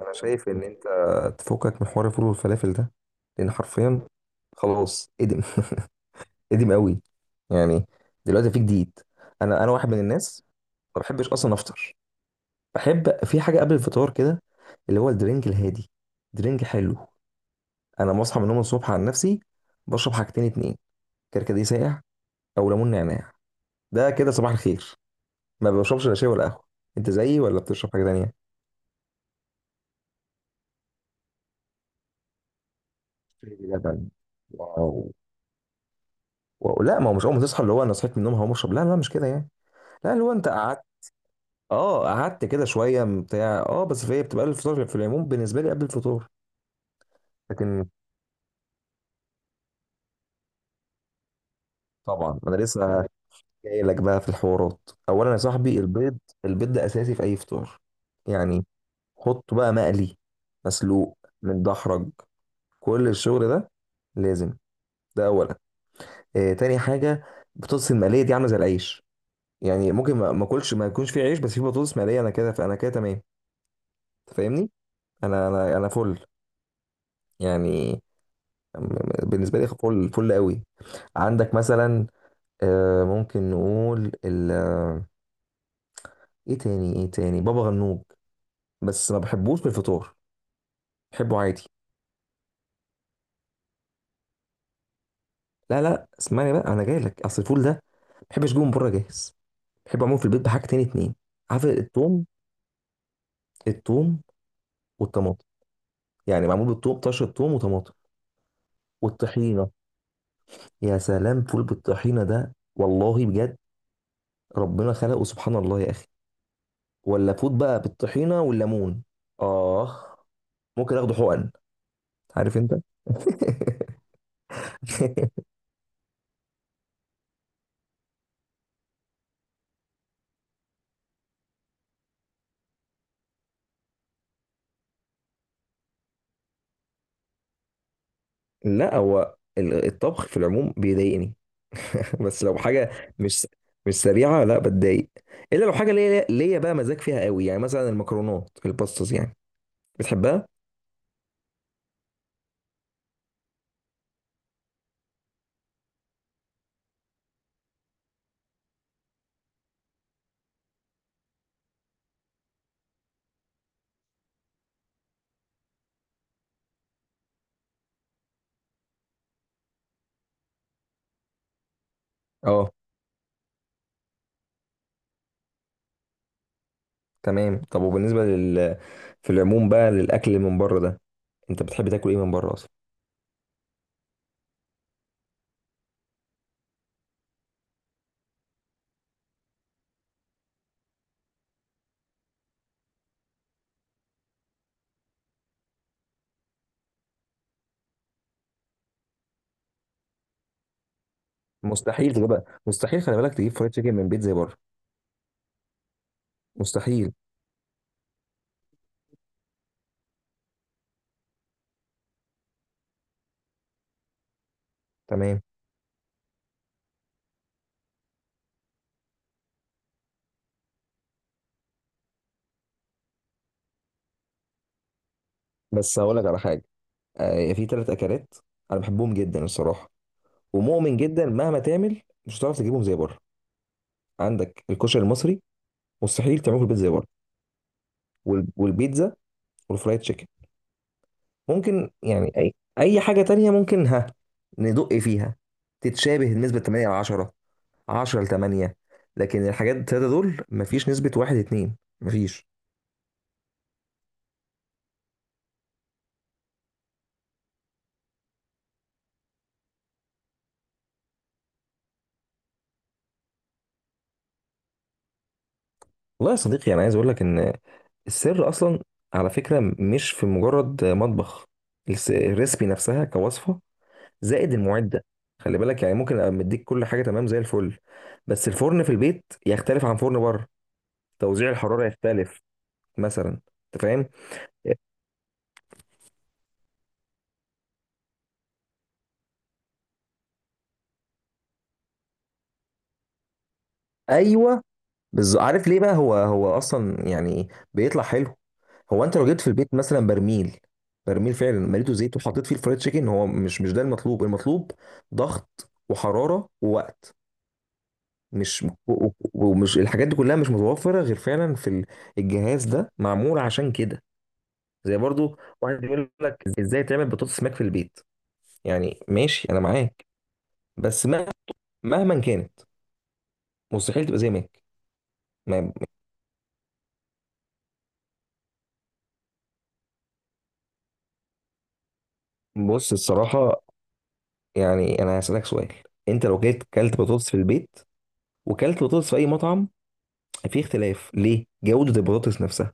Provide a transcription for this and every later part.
انا شايف ان انت تفكك من حوار الفول والفلافل ده، لان حرفيا خلاص ادم ادم قوي. يعني دلوقتي في جديد. انا واحد من الناس ما بحبش اصلا افطر. بحب في حاجه قبل الفطار كده، اللي هو الدرينج الهادي، درينج حلو. انا بصحى من النوم الصبح عن نفسي بشرب حاجتين اتنين، كركديه ساقع او ليمون نعناع. ده كده صباح الخير. ما بشربش لا شاي ولا قهوه. انت زيي ولا بتشرب حاجه تانيه؟ شاي بلبن، واو. لا، ما هو مش اول ما تصحى اللي هو انا صحيت من النوم هقوم اشرب، لا لا مش كده يعني. لا اللي هو انت قعدت، اه قعدت كده شويه بتاع، اه بس في إيه، بتبقى قبل الفطار في العموم، بالنسبه لي قبل الفطور. لكن طبعا انا لسه جاي لك بقى في الحوارات. اولا يا صاحبي البيض، البيض ده اساسي في اي فطار. يعني حطه بقى مقلي، مسلوق، متدحرج، كل الشغل ده لازم. ده اولا. آه، تاني حاجه البطاطس المقليه، دي عامله زي العيش. يعني ممكن ما اكلش، ما يكونش فيه عيش بس فيه بطاطس مقليه، انا كده، فانا كده تمام. أنت فاهمني. انا فل يعني، بالنسبه لي فل فل قوي. عندك مثلا، ممكن نقول ال آه، ايه تاني، ايه تاني، بابا غنوج، بس ما بحبوش في الفطار، بحبه عادي. لا لا اسمعني بقى، انا جاي لك. اصل الفول ده ما بحبش جوه من بره جاهز، بحب اعمله في البيت بحاجه تاني اتنين. عارف التوم، التوم والطماطم، يعني معمول بالتوم طشه، التوم وطماطم، والطحينه. يا سلام، فول بالطحينه ده والله بجد، ربنا خلقه، سبحان الله يا اخي. ولا فود بقى بالطحينه والليمون، اه، ممكن اخده حقن، عارف انت. لا، هو الطبخ في العموم بيضايقني، بس لو حاجه مش مش سريعه لا بتضايق. الا لو حاجه ليا ليا بقى، مزاج فيها قوي، يعني مثلا المكرونات، الباستاز يعني، بتحبها. اه تمام. طب، وبالنسبه لل، في العموم بقى للاكل من بره ده، انت بتحب تاكل ايه من بره اصلا؟ مستحيل تجيبها، مستحيل، خلي بالك تجيب فرايد تشيكن من بيت زي بره، مستحيل. تمام. بس هقول لك على حاجه، في ثلاث اكلات انا بحبهم جدا الصراحه، ومؤمن جدا مهما تعمل مش هتعرف تجيبهم زي بره. عندك الكشري المصري، مستحيل تعمله في البيت زي بره. والبيتزا، والفرايد تشيكن. ممكن يعني اي اي حاجه تانية ممكن ها ندق فيها تتشابه نسبه 8 على 10، 10 ل 8، لكن الحاجات التلاته دول مفيش نسبه 1 2، مفيش. والله يا صديقي، انا عايز اقول لك ان السر اصلا، على فكره، مش في مجرد مطبخ، الريسبي نفسها كوصفه، زائد المعده. خلي بالك، يعني ممكن ابقى مديك كل حاجه تمام زي الفل، بس الفرن في البيت يختلف عن فرن بره، توزيع الحراره يختلف مثلا. انت فاهم. ايوه بالظبط. عارف ليه بقى هو اصلا يعني بيطلع حلو؟ هو انت لو جبت في البيت مثلا برميل، برميل فعلا مليته زيت وحطيت فيه الفرايد تشيكن، هو مش ده المطلوب. المطلوب ضغط وحراره ووقت، مش و- و- ومش الحاجات دي كلها مش متوفره غير فعلا في الجهاز ده، معمول عشان كده. زي برضو واحد بيقول لك ازاي تعمل بطاطس ماك في البيت، يعني ماشي انا معاك، بس مهما كانت مستحيل تبقى زي ماك. ما بص الصراحه، يعني انا هسالك سؤال، انت لو جيت كلت بطاطس في البيت وكلت بطاطس في اي مطعم، في اختلاف ليه جوده البطاطس نفسها.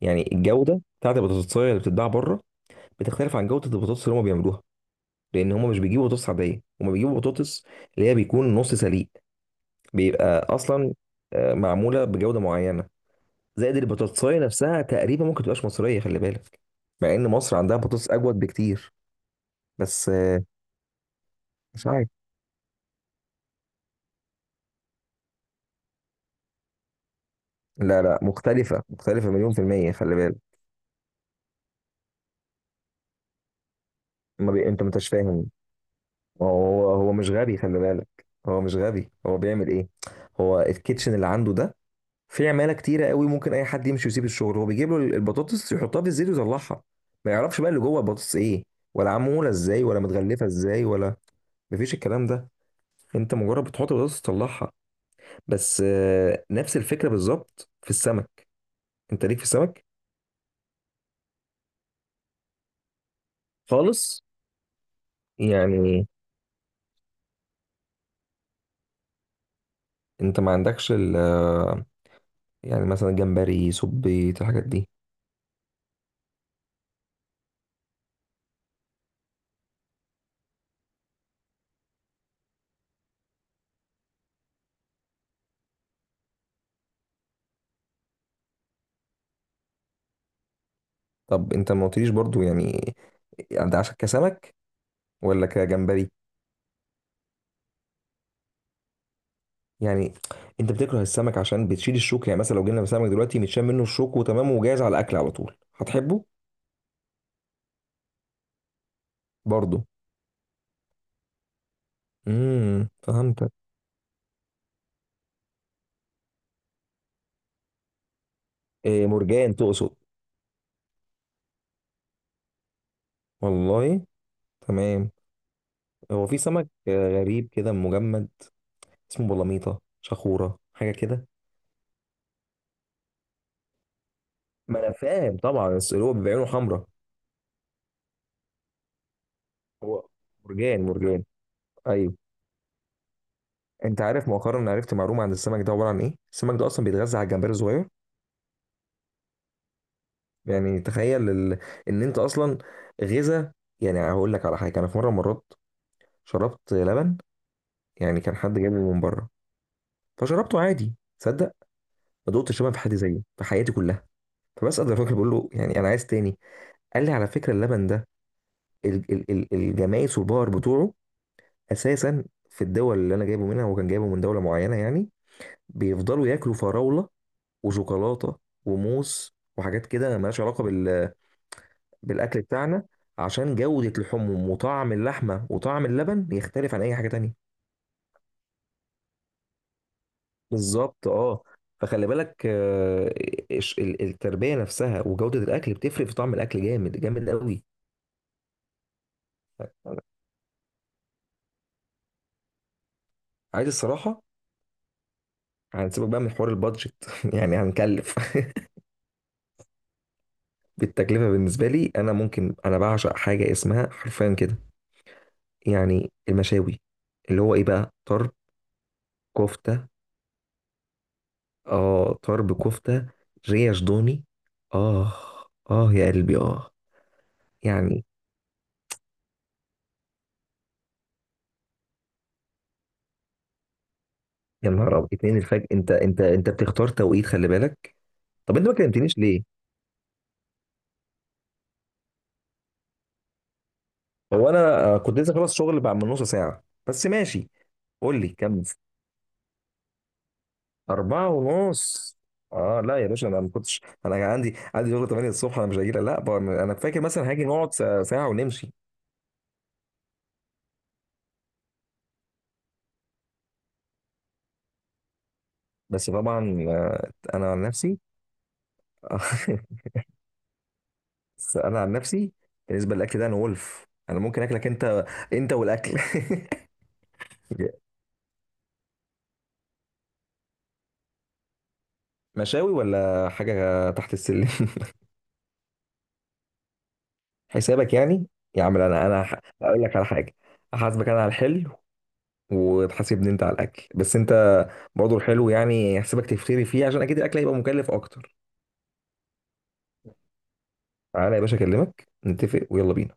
يعني الجوده بتاعت البطاطس اللي بتتباع بره بتختلف عن جوده البطاطس اللي هم بيعملوها، لان هم مش بيجيبوا بطاطس عاديه، هم بيجيبوا بطاطس اللي هي بيكون نص سليق، بيبقى اصلا معموله بجوده معينه. زائد البطاطساية نفسها تقريبا ممكن تبقاش مصرية، خلي بالك، مع ان مصر عندها بطاطس اجود بكتير، بس مش عارف. لا لا، مختلفة مختلفة مليون في المية، خلي بالك. ما بي... انت ما انتش فاهم. هو مش غبي، خلي بالك. هو مش غبي، هو بيعمل ايه، هو الكيتشن اللي عنده ده في عمالة كتيرة قوي، ممكن اي حد يمشي ويسيب الشغل، هو بيجيب له البطاطس يحطها في الزيت ويطلعها. ما يعرفش بقى اللي جوه البطاطس ايه، ولا معمولة ازاي، ولا متغلفة ازاي، ولا، مفيش الكلام ده، انت مجرد بتحط البطاطس تطلعها بس. نفس الفكرة بالظبط في السمك. انت ليك في السمك خالص. يعني انت ما عندكش ال آه، يعني مثلا جمبري، سبيط، الحاجات دي؟ طب انت ما قلتليش برضو يعني، يعني ده عشان كسمك ولا كجمبري؟ يعني انت بتكره السمك عشان بتشيل الشوك؟ يعني مثلا لو جينا سمك دلوقتي متشال منه الشوك وتمام وجاهز على الاكل على طول، هتحبه؟ برضو. امم، فهمتك. إيه مرجان تقصد؟ والله؟ تمام. هو في سمك غريب كده مجمد، اسمه بلاميطه، شخوره، حاجه كده. ما انا فاهم طبعا، بس اللي هو بيبقى عينه حمراء. هو مرجان، مرجان، ايوه. انت عارف، مؤخرا عرفت معلومه عن السمك ده، عباره عن ايه؟ السمك ده اصلا بيتغذى على الجمبري الصغير. يعني تخيل ال... ان انت اصلا غذا. يعني هقول لك على حاجه، انا في مره، مرات شربت لبن، يعني كان حد جايبه من بره، فشربته عادي. تصدق ما دقتش لبن في حد زيه في حياتي كلها. فبسأل الراجل، بقول له يعني انا عايز تاني. قال لي على فكره اللبن ده، الجمايس والبار بتوعه اساسا في الدول اللي انا جايبه منها، هو كان جايبه من دوله معينه يعني، بيفضلوا ياكلوا فراوله وشوكولاته وموز وحاجات كده مالهاش علاقه بال... بالاكل بتاعنا. عشان جوده لحومهم وطعم اللحمه وطعم اللبن يختلف عن اي حاجه تانية. بالظبط، اه. فخلي بالك التربيه نفسها وجوده الاكل بتفرق في طعم الاكل، جامد جامد قوي. عايز الصراحه هنسيبك بقى من حوار البادجت، يعني هنكلف. بالتكلفة بالنسبة لي، أنا ممكن أنا بعشق حاجة اسمها حرفيا كده، يعني المشاوي، اللي هو إيه بقى، طرب، كفتة، آه طرب كفتة، ريش ضاني، آه، آه يا قلبي آه. يعني يا نهار أبيض، اتنين الفجر؟ أنت بتختار توقيت، خلي بالك. طب أنت ما كلمتنيش ليه؟ هو أنا كنت لسه خلاص شغل بعد من نص ساعة، بس ماشي. قول لي كمل. أربعة ونص؟ اه لا يا باشا، انا ما كنتش، انا كان عندي شغل 8 الصبح، انا مش هاجي لا بقى، انا فاكر مثلا هاجي نقعد ساعة ساعة ونمشي. بس طبعا انا عن نفسي. انا عن نفسي بالنسبة للاكل ده انا ولف، انا ممكن اكلك انت، انت والاكل. مشاوي ولا حاجة تحت السلم. حسابك يعني. يا عم لا، انا هقول لك على حاجة، احاسبك انا على الحلو وتحاسبني انت على الاكل، بس انت برضه الحلو يعني احسبك تفتري فيه، عشان اكيد الاكل هيبقى مكلف اكتر. تعالى يا باشا اكلمك نتفق، ويلا بينا.